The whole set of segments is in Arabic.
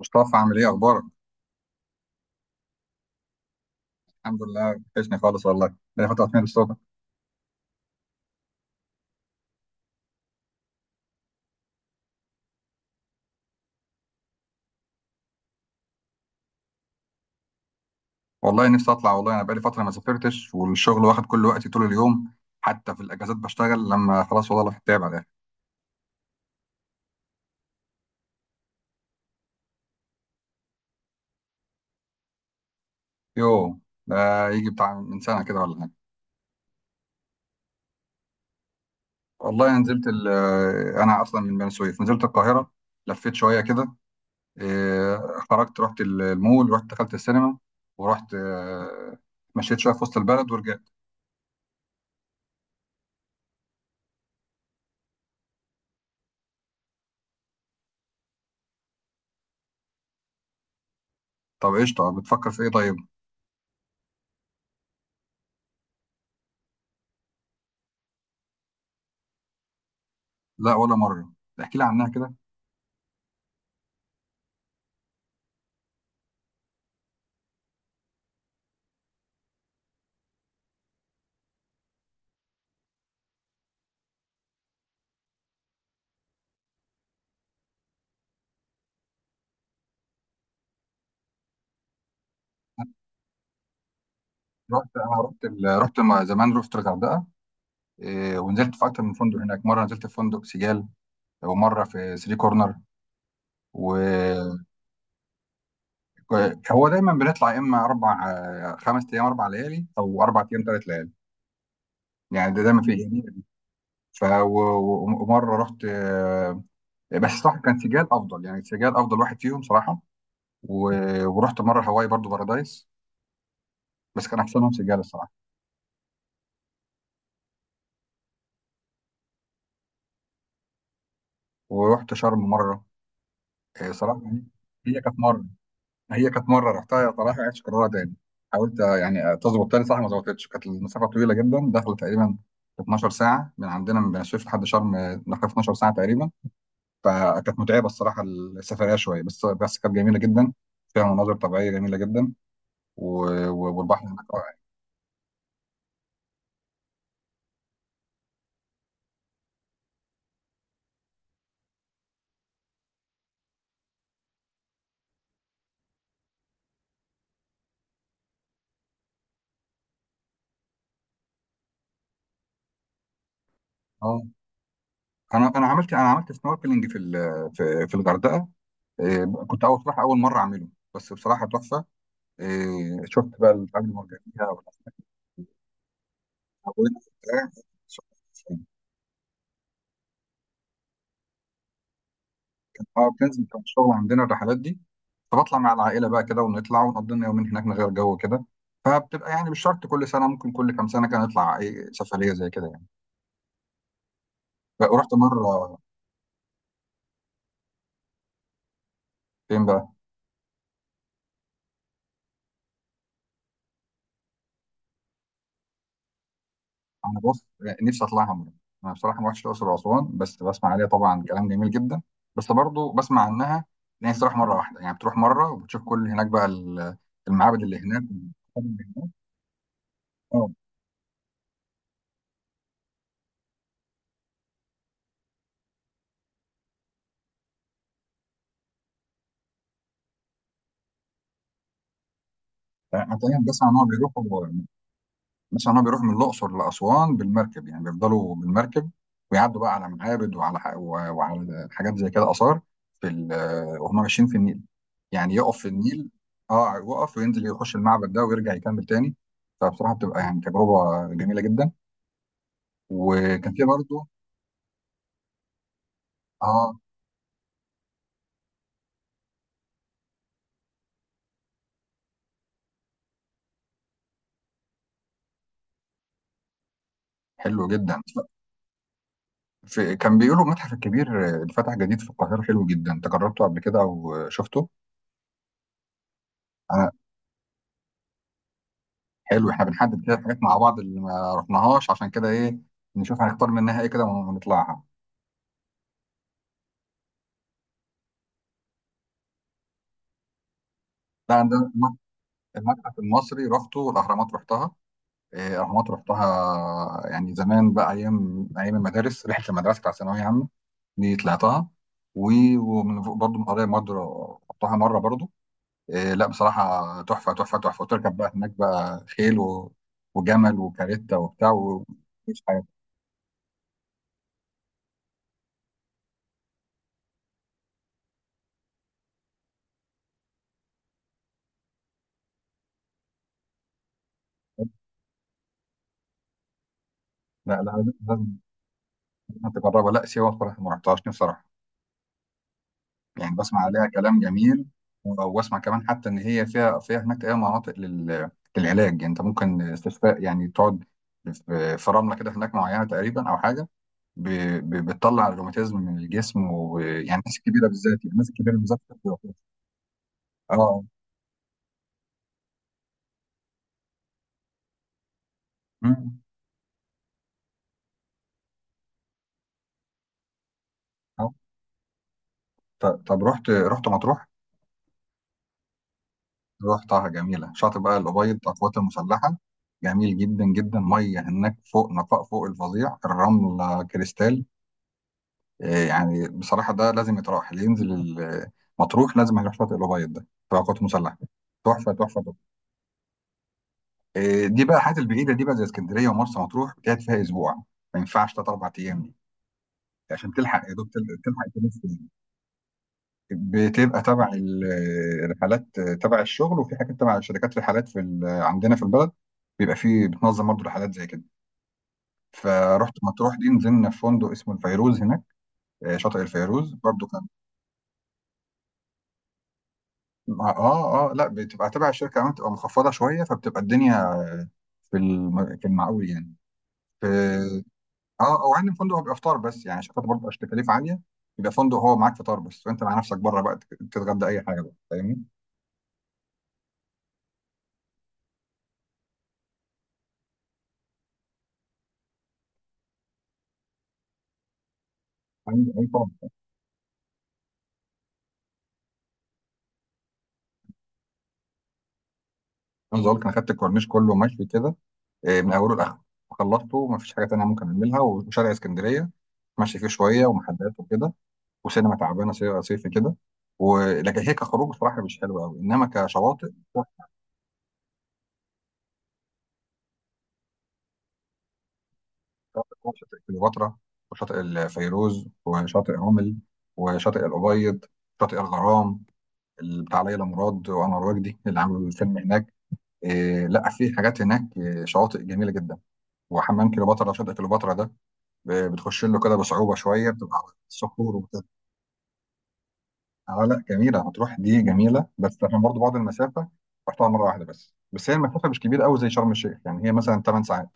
مصطفى، عامل ايه؟ اخبارك؟ الحمد لله، وحشني خالص والله، بقالي فتره طويله الصوت. والله نفسي اطلع. والله انا بقالي فتره ما سافرتش، والشغل واخد كل وقتي طول اليوم. حتى في الاجازات بشتغل، لما خلاص والله الواحد تعب على الاخر. يوه، ده يجي بتاع من سنه كده ولا حاجه. والله انا اصلا من بني سويف، نزلت القاهره، لفيت شويه كده. إيه، خرجت، رحت المول، دخلت السينما، ورحت، مشيت شويه في وسط البلد ورجعت. طب قشطه، بتفكر في ايه؟ طيب. لا، ولا مره. احكي لي عنها كده. رحت مع زمان، رحت الغردقه. ونزلت في اكتر من فندق هناك، مره نزلت في فندق سيجال، ومره في ثري كورنر. و هو دايما بنطلع يا اما اربع، خمس ايام، اربع ليالي، او اربع ايام، ثلاث ليالي، يعني ده دايما في. ف و- ومره رحت، بس صح كان سيجال افضل، يعني سيجال افضل واحد فيهم صراحه. ورحت مره هواي برضو بارادايس، بس كان احسنهم سيجال الصراحه. ورحت شرم مره. صراحه يعني، هي كانت مره هي كانت مره رحتها صراحه، عايش كررها تاني. حاولت، يعني تظبط تاني، صح ما ظبطتش. كانت المسافه طويله جدا، داخله تقريبا 12 ساعه من عندنا، من الشيخ لحد شرم، داخله في 12 ساعه تقريبا. فكانت متعبه الصراحه، السفريه شويه، بس كانت جميله جدا. فيها مناظر طبيعيه جميله جدا. و... والبحر هناك رائع. اه، انا عملت سنوركلينج في ال... في في الغردقه. كنت اول صراحه، اول مره اعمله، بس بصراحه تحفه. شفت بقى الاماكن المرجانيه والأسماك والبتاع. اه، بتنزل بتاع الشغل عندنا الرحلات دي، فبطلع مع العائله بقى كده، ونطلع ونقضي لنا يومين هناك، نغير جو كده. فبتبقى يعني مش شرط كل سنه، ممكن كل كام سنه كده نطلع اي سفريه زي كده يعني. ورحت مره، فين بقى؟ انا بص، نفسي اطلعها مره. انا بصراحه ما رحتش الاقصر واسوان، بس بسمع عليها طبعا كلام جميل جدا، بس برضو بسمع عنها، ان هي تروح مره واحده يعني، بتروح مره وبتشوف كل هناك بقى المعابد اللي هناك والحاجات اللي هناك. اه، هتلاقيهم، بسمع ان هو بيروحوا مثلا، هو بيروح من الاقصر لاسوان بالمركب، يعني بيفضلوا بالمركب، ويعدوا بقى على معابد وعلى وعلى حاجات زي كده، اثار وهم ماشيين في النيل، يعني يقف في النيل. اه، يقف وينزل يخش المعبد ده ويرجع يكمل تاني، فبصراحه بتبقى يعني تجربه جميله جدا. وكان في برضه، اه حلو جدا، في كان بيقولوا المتحف الكبير اللي فتح جديد في القاهره حلو جدا، انت جربته قبل كده او شفته؟ حلو، احنا بنحدد كده حاجات مع بعض اللي ما رحناهاش، عشان كده ايه نشوف هنختار منها ايه كده ونطلعها. لا، عندنا المتحف المصري رحته، والاهرامات رحتها. الاهرامات رحتها يعني زمان بقى، ايام، ايام المدارس، رحله المدرسه بتاع ثانويه عامه، دي طلعتها. و- ومن فوق برضه، من قريه برضه، رحتها مره برضه. لا بصراحه تحفه تحفه تحفه، وتركب بقى هناك بقى خيل وجمل وكاريتا وبتاع، ومفيش حاجه. لا لا، لازم لازم تجربها. لا سيوه بصراحه ما رحتهاش، نفسي، يعني بسمع عليها كلام جميل. واسمع كمان، حتى ان هي فيها هناك اي مناطق للعلاج يعني، انت ممكن استشفاء يعني، تقعد في رمله كده هناك معينه تقريبا، او حاجه بتطلع الروماتيزم من الجسم، ويعني الناس الكبيره بالذات، يعني الناس الكبيره بالذات بتبقى كده. اه. أمم. آه. طب رحت، مطروح؟ رحتها جميله، شاطئ بقى الابيض القوات المسلحه، جميل جدا جدا، ميه هناك فوق نقاء فوق الفظيع، الرمله كريستال. يعني بصراحة ده لازم يتراح، اللي ينزل مطروح لازم هيروح شاطئ الأبيض ده، في قوات مسلحة، تحفة تحفة تحفة. دي بقى الحاجات البعيدة دي، بقى زي اسكندرية ومرسى مطروح، بتقعد فيها أسبوع، ما ينفعش تلات أربع أيام دي، عشان تلحق يا دوب تلحق تلف يعني. بتبقى تبع الرحلات، تبع الشغل، وفي حاجات تبع شركات رحلات عندنا في البلد، بيبقى فيه، بتنظم برضه رحلات زي كده. فرحت مطروح دي، نزلنا في فندق اسمه الفيروز هناك، شاطئ الفيروز برضه. اه اه، لا بتبقى تبع الشركه، كمان بتبقى مخفضه شويه، فبتبقى الدنيا في المعقول يعني. في اه، او عندي فندق هو بيبقى فطار بس، يعني شركات برضه عشان تكاليف عاليه، يبقى فندق هو معاك فطار بس، فانت مع نفسك بره بقى تتغدى اي حاجه بقى، فاهمني؟ عندي، اي طبعا. عاوز اقول لك، انا خدت الكورنيش كله مشوي كده، من اوله لاخره، خلصته، ما فيش حاجه تانيه ممكن اعملها، وشارع اسكندريه ماشي فيه شويه ومحلات وكده، وسينما تعبانه صيفي كده. ولكن هي كخروج صراحه مش حلوه قوي، انما كشواطئ، شاطئ كليوباترا وشاطئ الفيروز وشاطئ رمل وشاطئ الأبيض، شاطئ الغرام اللي بتاع ليلى مراد وأنور وجدي اللي عملوا الفيلم هناك. لا، في حاجات هناك، شواطئ جميلة جدا، وحمام كليوباترا، شاطئ كليوباترا ده بتخش له كده بصعوبة شوية، بتبقى على الصخور وكده. اه لا، جميلة، هتروح دي جميلة، بس عشان برضه بعد المسافة، رحتها مرة واحدة بس، بس هي المسافة مش كبيرة قوي زي شرم الشيخ، يعني هي مثلا 8 ساعات،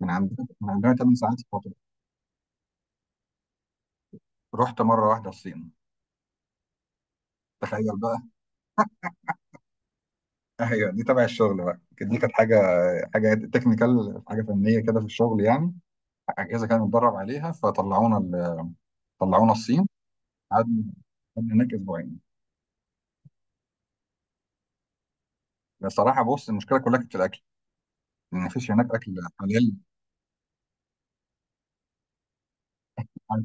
من عندنا 8 ساعات في القطر. رحت مرة واحدة الصين، تخيل بقى. ايوه، دي تبع الشغل بقى، دي كانت حاجه تكنيكال، حاجه فنيه كده في الشغل يعني، اجهزه كانت متدرب عليها، طلعونا الصين. قعدنا قعدنا هناك اسبوعين. بصراحه بص، المشكله كلها كانت في الاكل، ان مفيش هناك اكل حلال،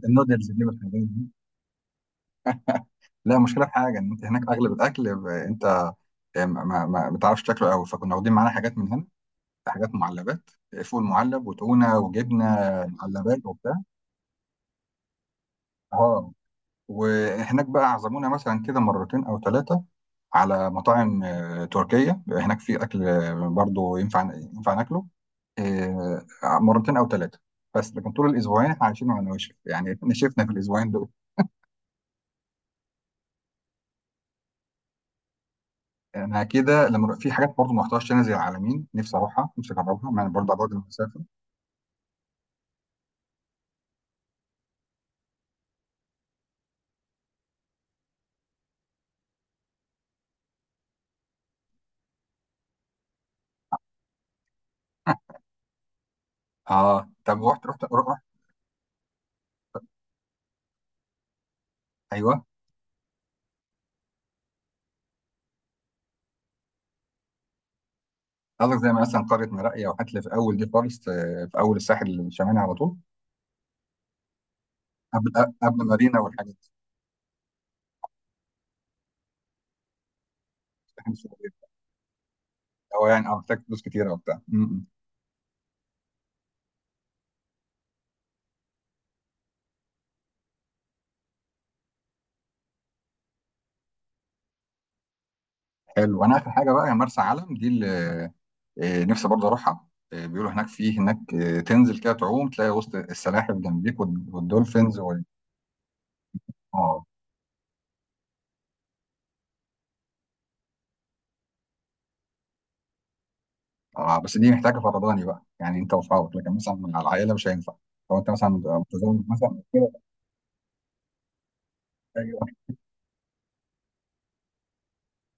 النودلز دي والحاجات دي. لا، مشكله في حاجه، ان انت هناك اغلب الاكل انت يعني ما بتعرفش تاكله قوي، فكنا واخدين معانا حاجات من هنا، حاجات معلبات، فول معلب وتونه وجبنه، معلبات وبتاع. اه، وهناك بقى عزمونا مثلا كده مرتين او ثلاثه على مطاعم تركية، هناك في أكل، برضو ينفع ينفع ناكله، آه، مرتين أو ثلاثة، بس لكن طول الأسبوعين احنا عايشين على نواشف يعني نشفنا في الأسبوعين دول. أنا كده، لما في حاجات برضو ما رحتهاش هنا زي العالمين، نفسي أروحها، نفسي أجربها، مع إن برضو على بعد المسافة. آه، طب رحت رحت رحت أيوه. قصدك زي مثلا قرية مراقية وحتلة، في أول دي خالص، في أول الساحل الشمالي على طول، قبل مارينا والحاجات دي. هو يعني اه محتاج فلوس كتيرة وبتاع. م- م. حلو، انا اخر حاجه بقى، يا مرسى علم دي، نفسي برضه اروحها. بيقولوا هناك، في هناك، تنزل كده تعوم تلاقي وسط السلاحف جنبيك والدولفينز اه اه، بس دي محتاجه فرداني بقى، يعني انت وصحابك، لكن مثلا مع العائله مش هينفع، لو انت مثلا متزوج مثلا كده. أيوة.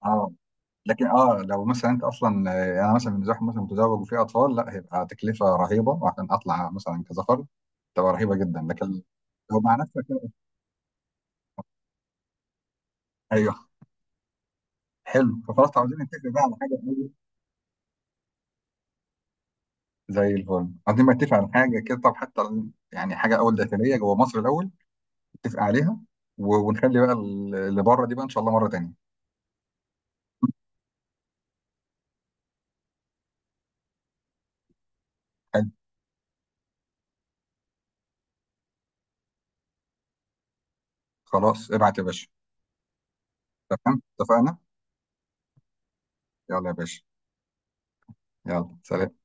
اه، لكن اه لو مثلا انت اصلا، انا مثلا بالنسبه لي، مثلا متزوج وفي اطفال، لا هيبقى تكلفه رهيبه، وعشان اطلع مثلا كذا فرد تبقى رهيبه جدا. لكن لو مع نفسك كده، ايوه، حلو، فخلاص عاوزين نتفق بقى على حاجه، زي الفل، عايزين بقى نتفق على حاجه كده. طب حتى يعني حاجه اول داخليه جوه مصر الاول نتفق عليها، ونخلي بقى اللي بره دي بقى ان شاء الله مره تانيه. حلو، خلاص ابعت يا باشا. تمام، اتفقنا. يلا يا باشا. يلا سلام.